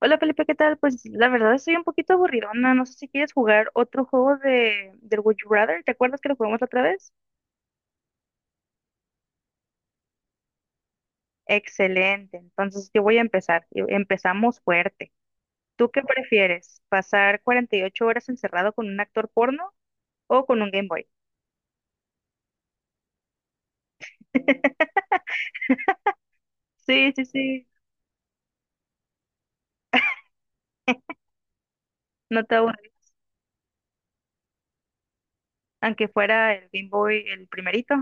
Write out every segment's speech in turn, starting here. Hola Felipe, ¿qué tal? Pues la verdad estoy un poquito aburridona. No sé si quieres jugar otro juego de del Would You Rather. ¿Te acuerdas que lo jugamos la otra vez? Excelente. Entonces yo voy a empezar. Empezamos fuerte. ¿Tú qué prefieres? ¿Pasar 48 horas encerrado con un actor porno o con un Game Boy? Sí, sí, sí. No te aburres. Aunque fuera el Game Boy el primerito.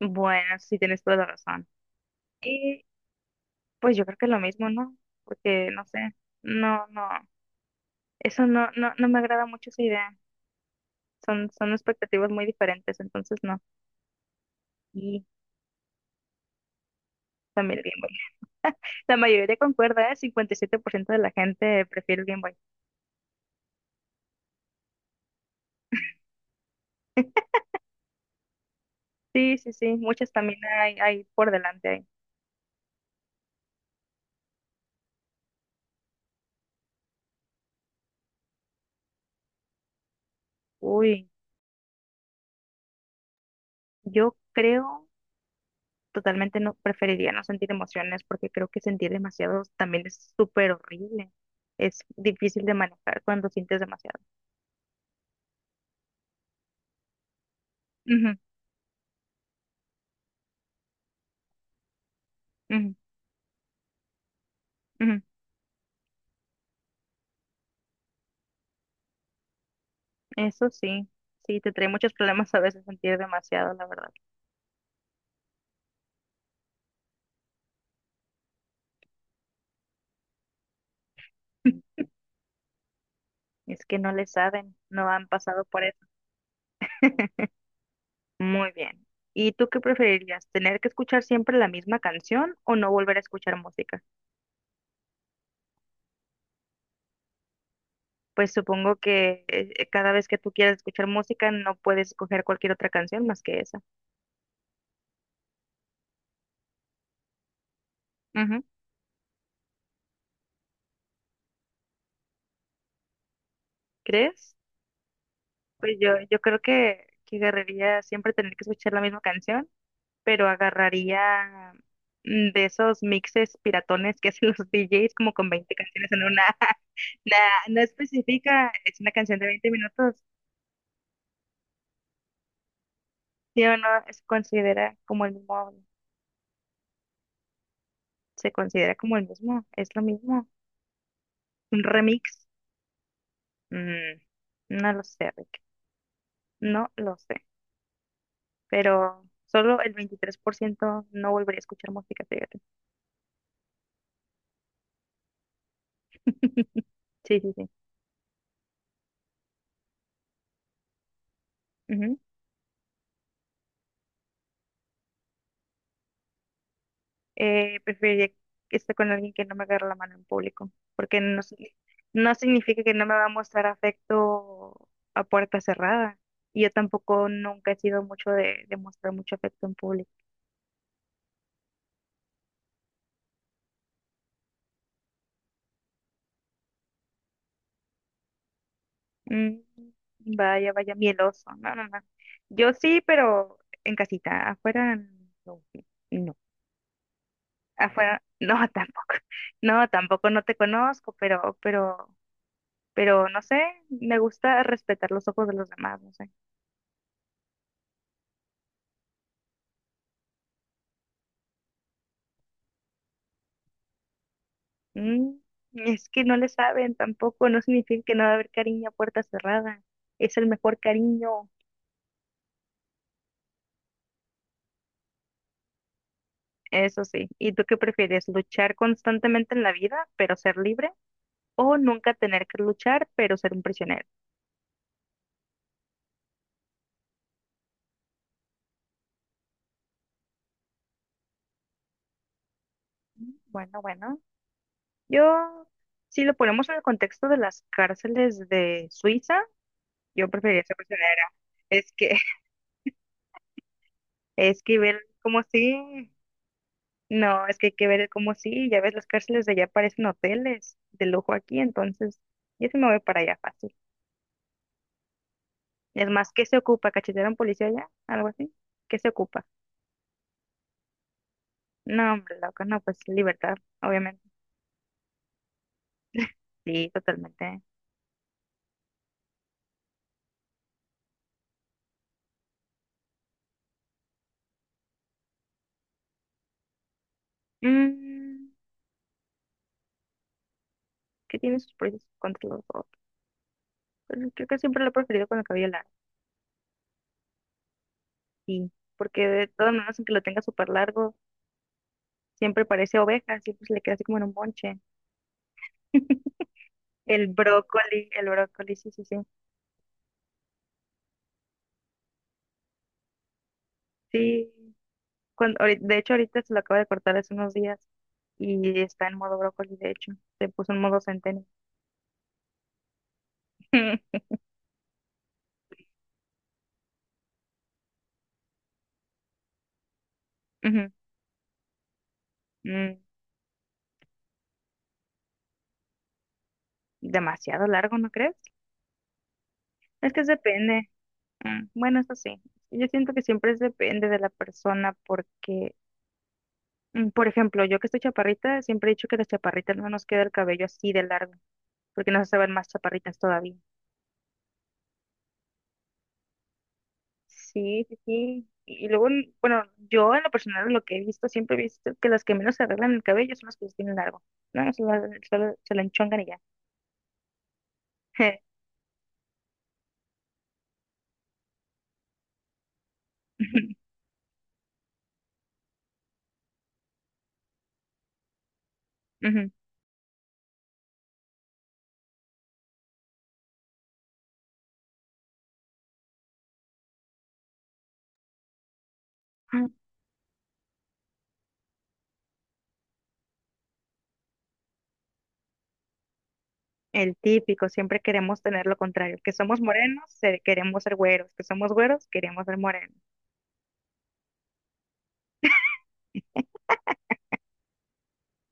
Bueno, sí tienes toda la razón. Y pues yo creo que es lo mismo, ¿no? Porque no sé. No, no. Eso no, no, no me agrada mucho esa idea. Son expectativas muy diferentes, entonces no. Y también el Game Boy. La mayoría concuerda, ¿eh? 57% de la gente prefiere el Game Boy. Sí, sí, sí, muchas también hay por delante ahí. Uy, yo creo totalmente no preferiría no sentir emociones porque creo que sentir demasiado también es súper horrible. Es difícil de manejar cuando sientes demasiado. Ujú, ujú, ujú. Eso sí, sí, te trae muchos problemas a veces sentir demasiado, la verdad. Es que no le saben, no han pasado por eso. Muy bien. ¿Y tú qué preferirías? ¿Tener que escuchar siempre la misma canción o no volver a escuchar música? Pues supongo que cada vez que tú quieras escuchar música no puedes escoger cualquier otra canción más que esa. Ujú. ¿Crees? Pues yo creo que agarraría siempre tener que escuchar la misma canción, pero agarraría de esos mixes piratones que hacen los DJs como con 20 canciones en una, na- no especifica, es una canción de 20 minutos, sí o no, se considera como el mismo, es lo mismo, un remix, mm, no lo sé, Rick, no lo sé, pero solo el 23% no volvería a escuchar música, fíjate. Sí, sí, sí. Ujú. Preferiría que esté con alguien que no me agarre la mano en público, porque no significa que no me va a mostrar afecto a puerta cerrada. Y yo tampoco nunca he sido mucho de mostrar mucho afecto en público. Mm, Vaya, vaya, mieloso. No, no, no. Yo sí, pero en casita. Afuera, no. No. Afuera, no, tampoco. No, tampoco no te conozco, pero no sé. Me gusta respetar los ojos de los demás, no sé. Mm, es que no le saben tampoco. No significa que no va a haber cariño a puerta cerrada. Es el mejor cariño. Eso sí. ¿Y tú qué prefieres? ¿Luchar constantemente en la vida, pero ser libre? ¿O nunca tener que luchar, pero ser un prisionero? Bueno, bueno, yo, si lo ponemos en el contexto de las cárceles de Suiza, yo preferiría ser prisionera. Es que, es que ver como si, no, es que hay que ver como si, ya ves, las cárceles de allá parecen hoteles de lujo aquí, entonces, yo sí me voy para allá fácil. Es más, ¿qué se ocupa? ¿Cachetear a un policía allá? ¿Algo así? ¿Qué se ocupa? No, hombre, loca, no, pues libertad, obviamente. Sí, totalmente. Mm, ¿Qué tiene sus pros y sus contras los dos? Pero creo que siempre lo he preferido con el cabello largo. Sí, porque de todas maneras, aunque lo tenga súper largo, siempre parece oveja, siempre se le queda así como en un bonche. El brócoli, sí, sí, sí. Sí, de hecho ahorita se lo acabo de cortar hace unos días y está en modo brócoli, de hecho, se puso en modo centeno. Ujú, mm, demasiado largo, ¿no crees? Es que depende. Bueno, eso sí. Yo siento que siempre es depende de la persona porque, por ejemplo, yo que estoy chaparrita, siempre he dicho que las chaparritas no nos queda el cabello así de largo. Porque nos hace ver más chaparritas todavía. Sí, sí, sí. Y luego, bueno, yo en lo personal lo que he visto, siempre he visto que las que menos se arreglan el cabello son las que lo tienen largo. No, solo se lo enchongan y ya. Ujú. El típico, siempre queremos tener lo contrario, que somos morenos, queremos ser güeros, que somos güeros, queremos ser morenos.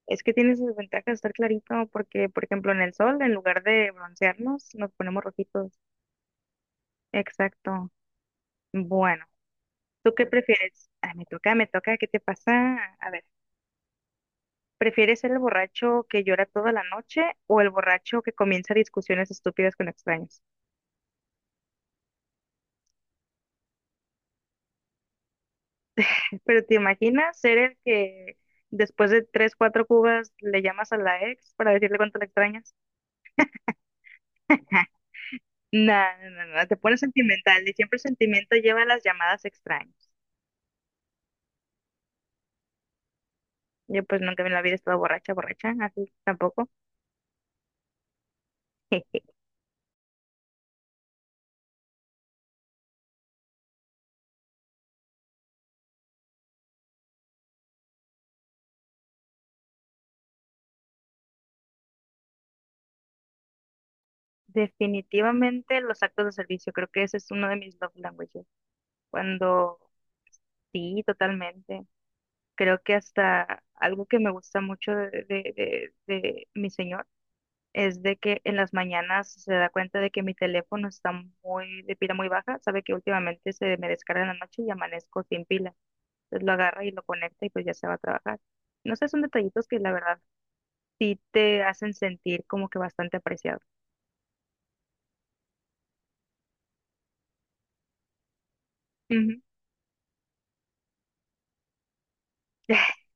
Es que tiene sus ventajas estar clarito, porque, por ejemplo, en el sol, en lugar de broncearnos, nos ponemos rojitos. Exacto. Bueno. ¿Tú qué prefieres? Me toca, me toca, ¿qué te pasa? A ver, ¿prefieres ser el borracho que llora toda la noche o el borracho que comienza discusiones estúpidas con extraños? Pero ¿te imaginas ser el que después de tres, cuatro cubas le llamas a la ex para decirle cuánto la extrañas? No, no, no, no, te pones sentimental y siempre el sentimiento lleva a las llamadas extrañas. Yo pues nunca en la vida he estado borracha, borracha, así tampoco. Definitivamente los actos de servicio, creo que ese es uno de mis love languages. Cuando Sí, totalmente. Creo que hasta algo que me gusta mucho de mi señor es de que en las mañanas se da cuenta de que mi teléfono está muy de pila muy baja, sabe que últimamente se me descarga en la noche y amanezco sin pila. Entonces lo agarra y lo conecta y pues ya se va a trabajar. No sé, son detallitos que la verdad sí te hacen sentir como que bastante apreciado. Ujú.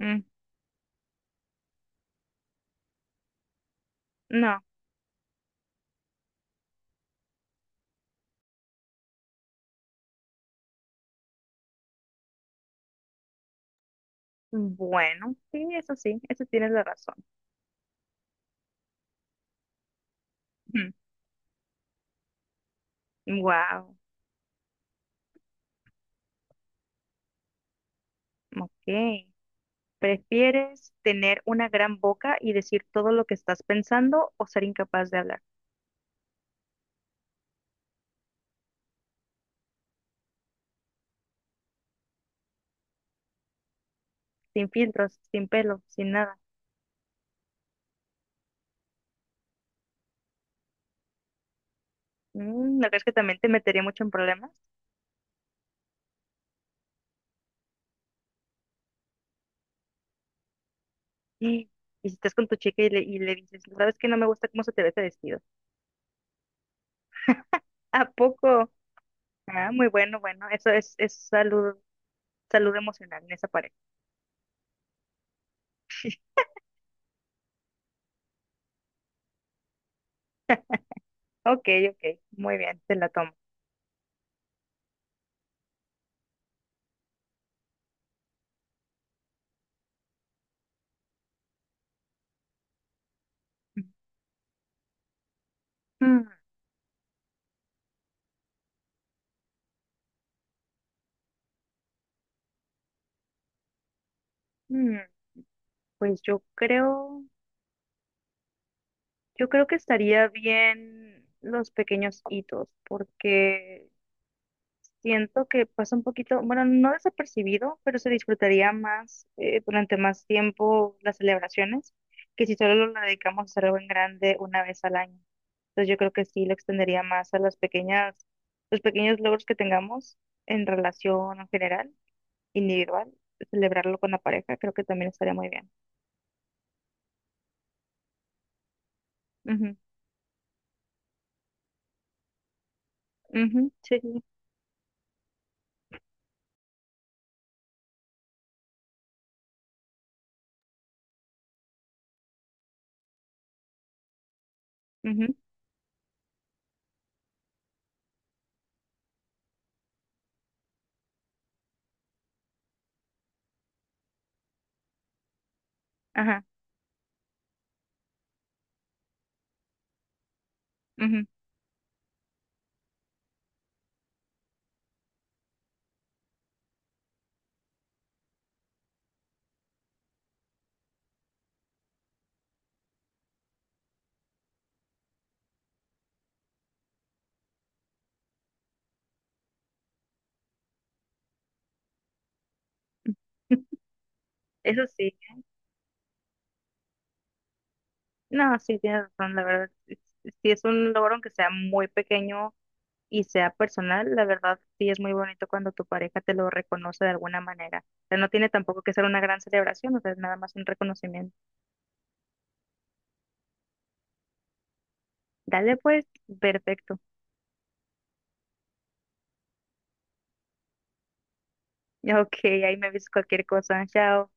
Mm, no, bueno, sí, eso tienes la razón. Wow, ok. ¿Prefieres tener una gran boca y decir todo lo que estás pensando o ser incapaz de hablar? Sin filtros, sin pelo, sin nada. ¿No crees que también te metería mucho en problemas? Y y si estás con tu chica y le dices: "No, ¿sabes que no me gusta cómo se te ve este vestido?" ¿A poco? Ah, muy bueno, bueno. Eso es salud, emocional en esa pareja. Ok, ok. Muy bien, te la tomo. Mm, mm, Pues yo creo que estaría bien los pequeños hitos, porque siento que pasa un poquito, bueno, no desapercibido, pero se disfrutaría más durante más tiempo las celebraciones que si solo lo dedicamos a hacer algo en grande una vez al año. Entonces yo creo que sí lo extendería más a las pequeñas, los pequeños logros que tengamos en relación en general, individual, celebrarlo con la pareja, creo que también estaría muy bien. Ujú, ujú, sí, sí, ujú, ajá, ujú. Eso sí, no, sí, tienes razón, la verdad, sí es un logro aunque sea muy pequeño y sea personal, la verdad sí es muy bonito cuando tu pareja te lo reconoce de alguna manera. O sea, no tiene tampoco que ser una gran celebración, o sea, es nada más un reconocimiento. Dale pues, perfecto. Ok, ahí me avisas cualquier cosa. Chao.